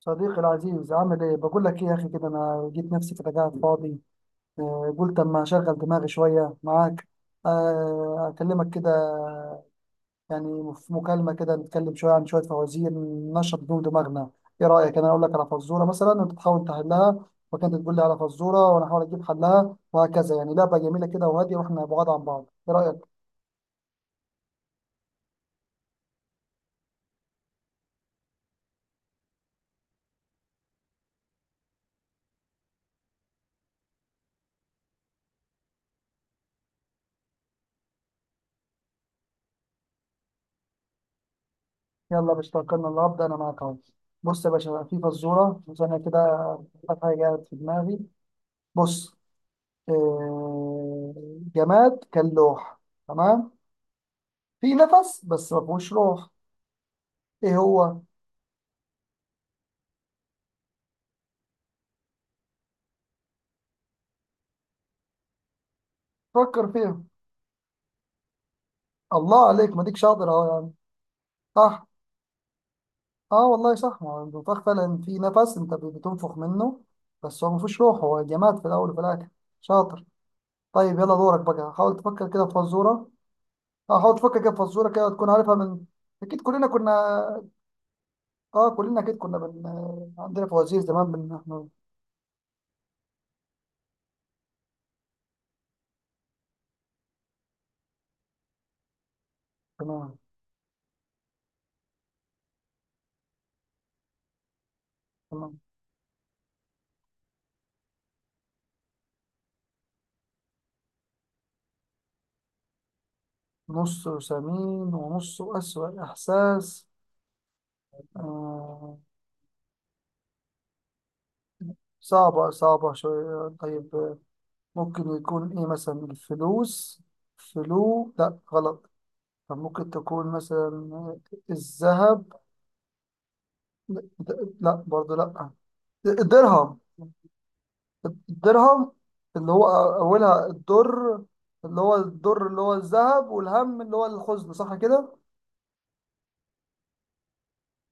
صديقي العزيز، عامل ايه؟ بقول لك ايه يا اخي، كده انا جيت نفسي كده قاعد فاضي. قلت اما اشغل دماغي شويه معاك. اكلمك كده. يعني في مكالمه كده نتكلم شويه عن شويه فوازير ننشط بيهم دماغنا. ايه رايك انا اقول لك على فزوره مثلا وانت تحاول تحلها، وكانت تقول لي على فزوره وانا احاول اجيب حلها وهكذا. يعني لعبه جميله كده وهاديه واحنا بعاد عن بعض، ايه رايك؟ يلا مش توكلنا الله، ابدا انا معاك اهو. بص يا باشا، في فزوره ثانيه كده، حاجه جت في دماغي. بص. آه، جماد كان لوح، تمام، في نفس بس ما فيهوش روح، ايه هو؟ فكر فيه. الله عليك، ما ديك شاطر اهو يعني. صح. اه والله صح، ما هو النفاخ فعلا في نفس انت بتنفخ منه، بس هو ما فيهوش روح، هو جماد في الاول وفي الاخر. شاطر. طيب يلا دورك بقى، حاول تفكر كده في فزوره. اه حاول تفكر كده في فزوره كده تكون عارفها من. اكيد كلنا كنا. اه كلنا اكيد كنا عندنا فوازير زمان احنا. تمام. تمام. نصه سمين ونصه أسوأ إحساس. آه. صعبة، صعبة شوية طيب. ممكن يكون إيه مثلا؟ الفلوس؟ فلو، لا غلط. طب ممكن تكون مثلا الذهب؟ لا برضه لا. الدرهم. الدرهم، اللي هو أولها الدر. اللي هو الدر اللي هو الذهب، والهم اللي هو الحزن، صح كده؟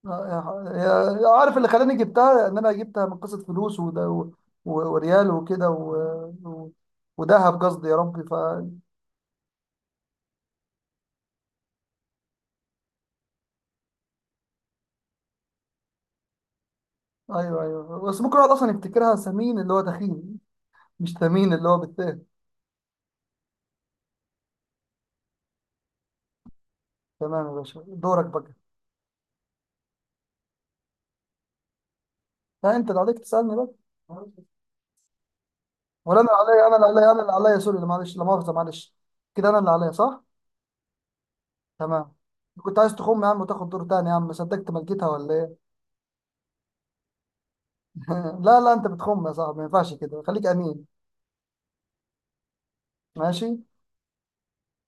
آه، عارف اللي خلاني جبتها؟ ان انا جبتها من قصه فلوس وده وريال وكده وذهب قصدي يا ربي ف. ايوه ايوه، بس ممكن الواحد اصلا يفتكرها سمين اللي هو دخيل، مش ثمين اللي هو بالتاء. تمام يا باشا، دورك بقى. لا انت اللي عليك تسالني بقى. ولا انا اللي عليا، انا اللي عليا، انا اللي عليا، سوري، لا معلش، لا مؤاخذه معلش، كده انا اللي عليا صح. تمام. كنت عايز تخم يا عم وتاخد دور تاني يا عم، صدقت ملكتها ولا ايه؟ لا لا، انت بتخم يا صاحبي، ما ينفعش كده، خليك امين. ماشي.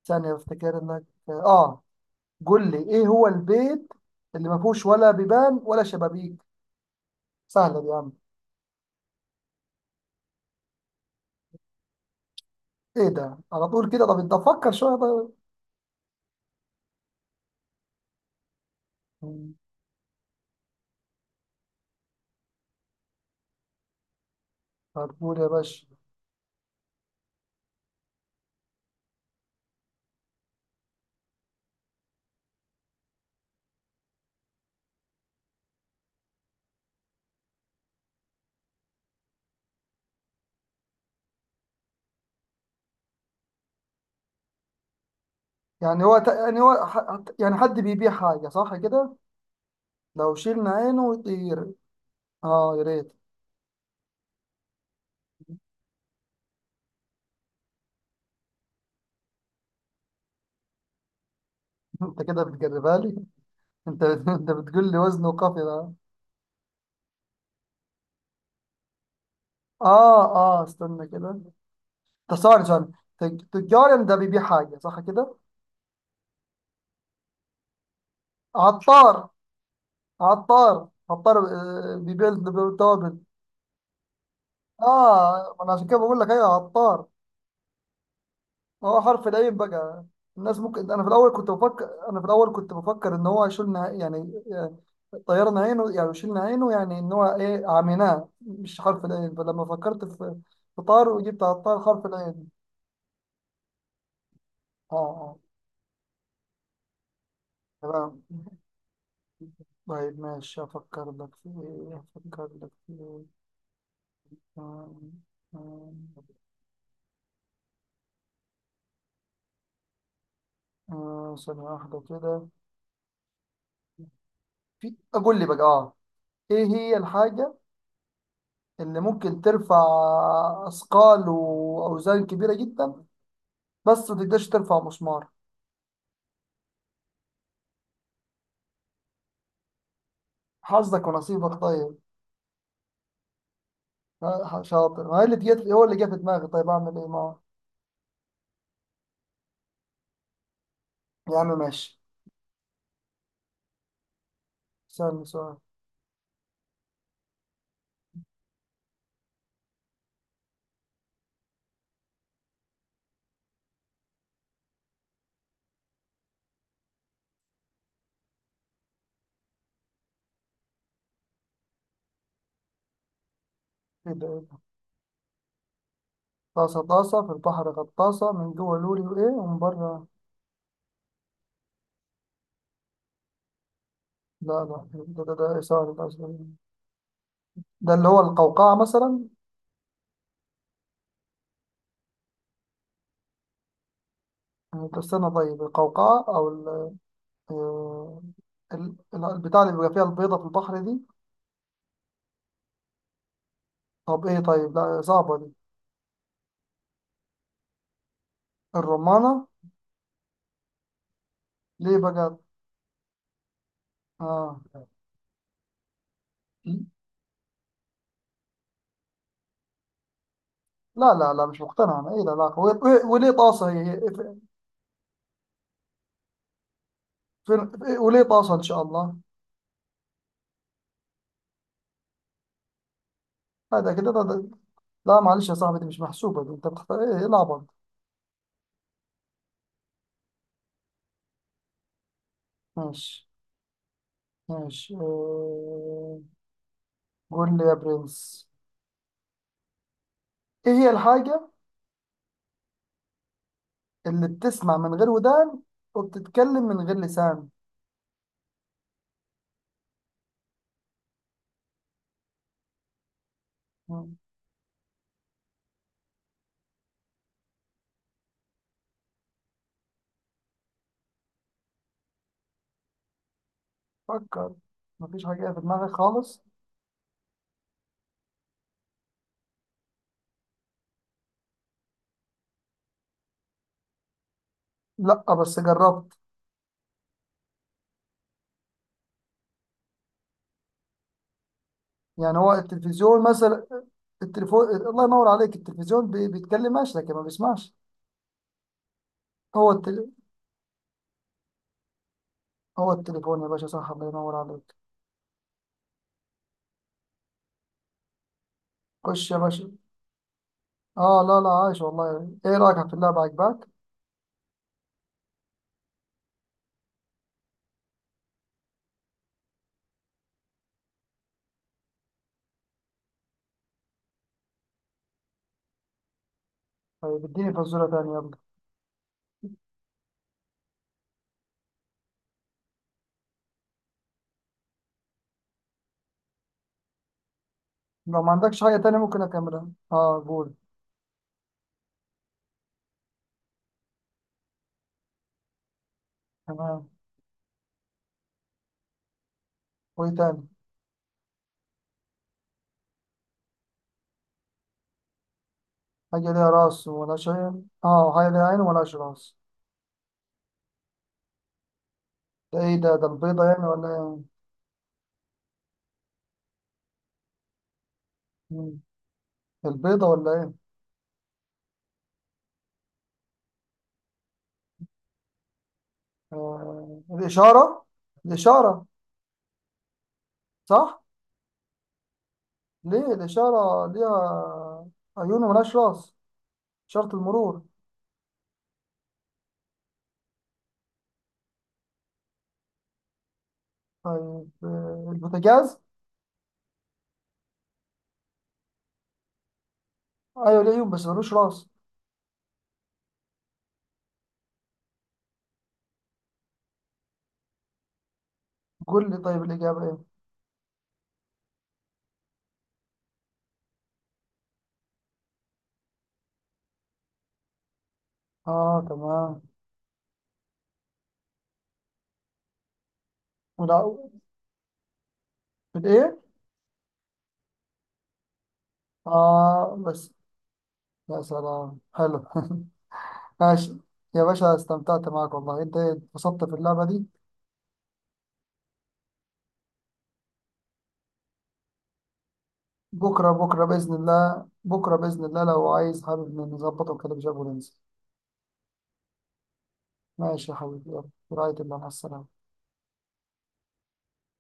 ثانية افتكر انك. اه. قول لي، ايه هو البيت اللي ما فيهوش ولا بيبان ولا شبابيك؟ سهلة دي يا عم؟ ايه ده على طول كده؟ طب انت فكر شوية طيب. مم. هتقول يا باشا؟ يعني هو يعني هو يعني حد بيبيع حاجة صح كده؟ لو شيلنا عينه ويطير. اه يا ريت. انت كده بتجربها لي؟ انت انت بتقول لي وزنه وقافي ده. اه، اه استنى كده. ده ثواني، ثواني. تجار ده بيبيع حاجة صح كده. عطار. عطار، عطار. بيبيع التوابل. اه ما انا عشان كده بقول لك ايوه عطار. هو حرف العين بقى. الناس ممكن، انا في الاول كنت بفكر، انا في الاول كنت بفكر ان هو شلنا يعني يعني طيرنا عينه، يعني شلنا عينه، يعني ان هو ايه عميناه، مش حرف العين، فلما فكرت في في طار وجبت عطار حرف العين. اه اه. تمام. طيب ماشي، افكر لك في ايه؟ افكر لك في ايه؟ آم، آم، ثانية واحدة كده. في أقول لي بقى آه. ايه هي الحاجة اللي ممكن ترفع اثقال واوزان كبيرة جدا بس ما تقدرش ترفع مسمار؟ حظك ونصيبك طيب. شاطر، ما هي اللي جت هو اللي جه في دماغي، طيب اعمل ايه ما. يا عم ماشي. سألني سؤال. ايه ده؟ ايه ده؟ طاسة طاسة في البحر غطاسة من جوه لوري وايه ومن بره؟ لا لا، ده ده ده إيه؟ سؤال، ده سؤال. ده اللي هو القوقعة مثلا. طب استنى طيب، القوقعة او آه، البتاع اللي بيبقى فيها البيضة في البحر دي. طب ايه؟ طيب لا صعبة دي. الرمانة. ليه بقى؟ اه. لا لا لا، مش مقتنع انا. ايه ده؟ لا، وليه طاسة؟ فين- وليه طاسة ان شاء الله؟ هذا كده ده ده. لا معلش يا صاحبي، دي مش محسوبة دي، انت بتختار ايه؟ ايه العبط؟ ماشي. ماشي. قول لي يا برنس. ايه هي الحاجة اللي بتسمع من غير ودان وبتتكلم من غير لسان؟ مم. فكر. مفيش حاجة في دماغك خالص؟ لا بس جربت. يعني هو التلفزيون مثلا؟ التليفون الله ينور عليك. التلفزيون بيتكلمش لكن ما بيسمعش. هو هو التليفون يا باشا، صح الله ينور عليك. خش يا باشا. اه لا لا، عايش والله. ايه رأيك في اللعبة؟ عجباك؟ طيب اديني فزورة تانية يلا. لو ما عندكش حاجة تانية ممكن اكملها، اه قول. تمام. وايه تاني؟ حاجة ليها راس ولا شيء، اه حاجة ليها عين ولاش راس. ده ايه ده؟ ده البيضة يعني ولا ايه؟ مم. البيضة ولا ايه؟ آه الإشارة. الإشارة. صح. ليه الإشارة ليها عيون وملهاش راس؟ إشارة المرور. طيب. البوتاجاز. أيوة، ليه عيون بس ملوش راس. قول لي طيب الإجابة إيه؟ آه تمام. ولا. الإيه؟ آه بس. يا سلام حلو ماشي. يا باشا استمتعت معاك والله، أنت اتبسطت في اللعبة دي. بكرة بكرة بإذن الله، بكرة بإذن الله لو عايز، حابب نظبطه كده بجد وننزل. ماشي يا حبيبي، يلا برعاية الله، مع السلامة.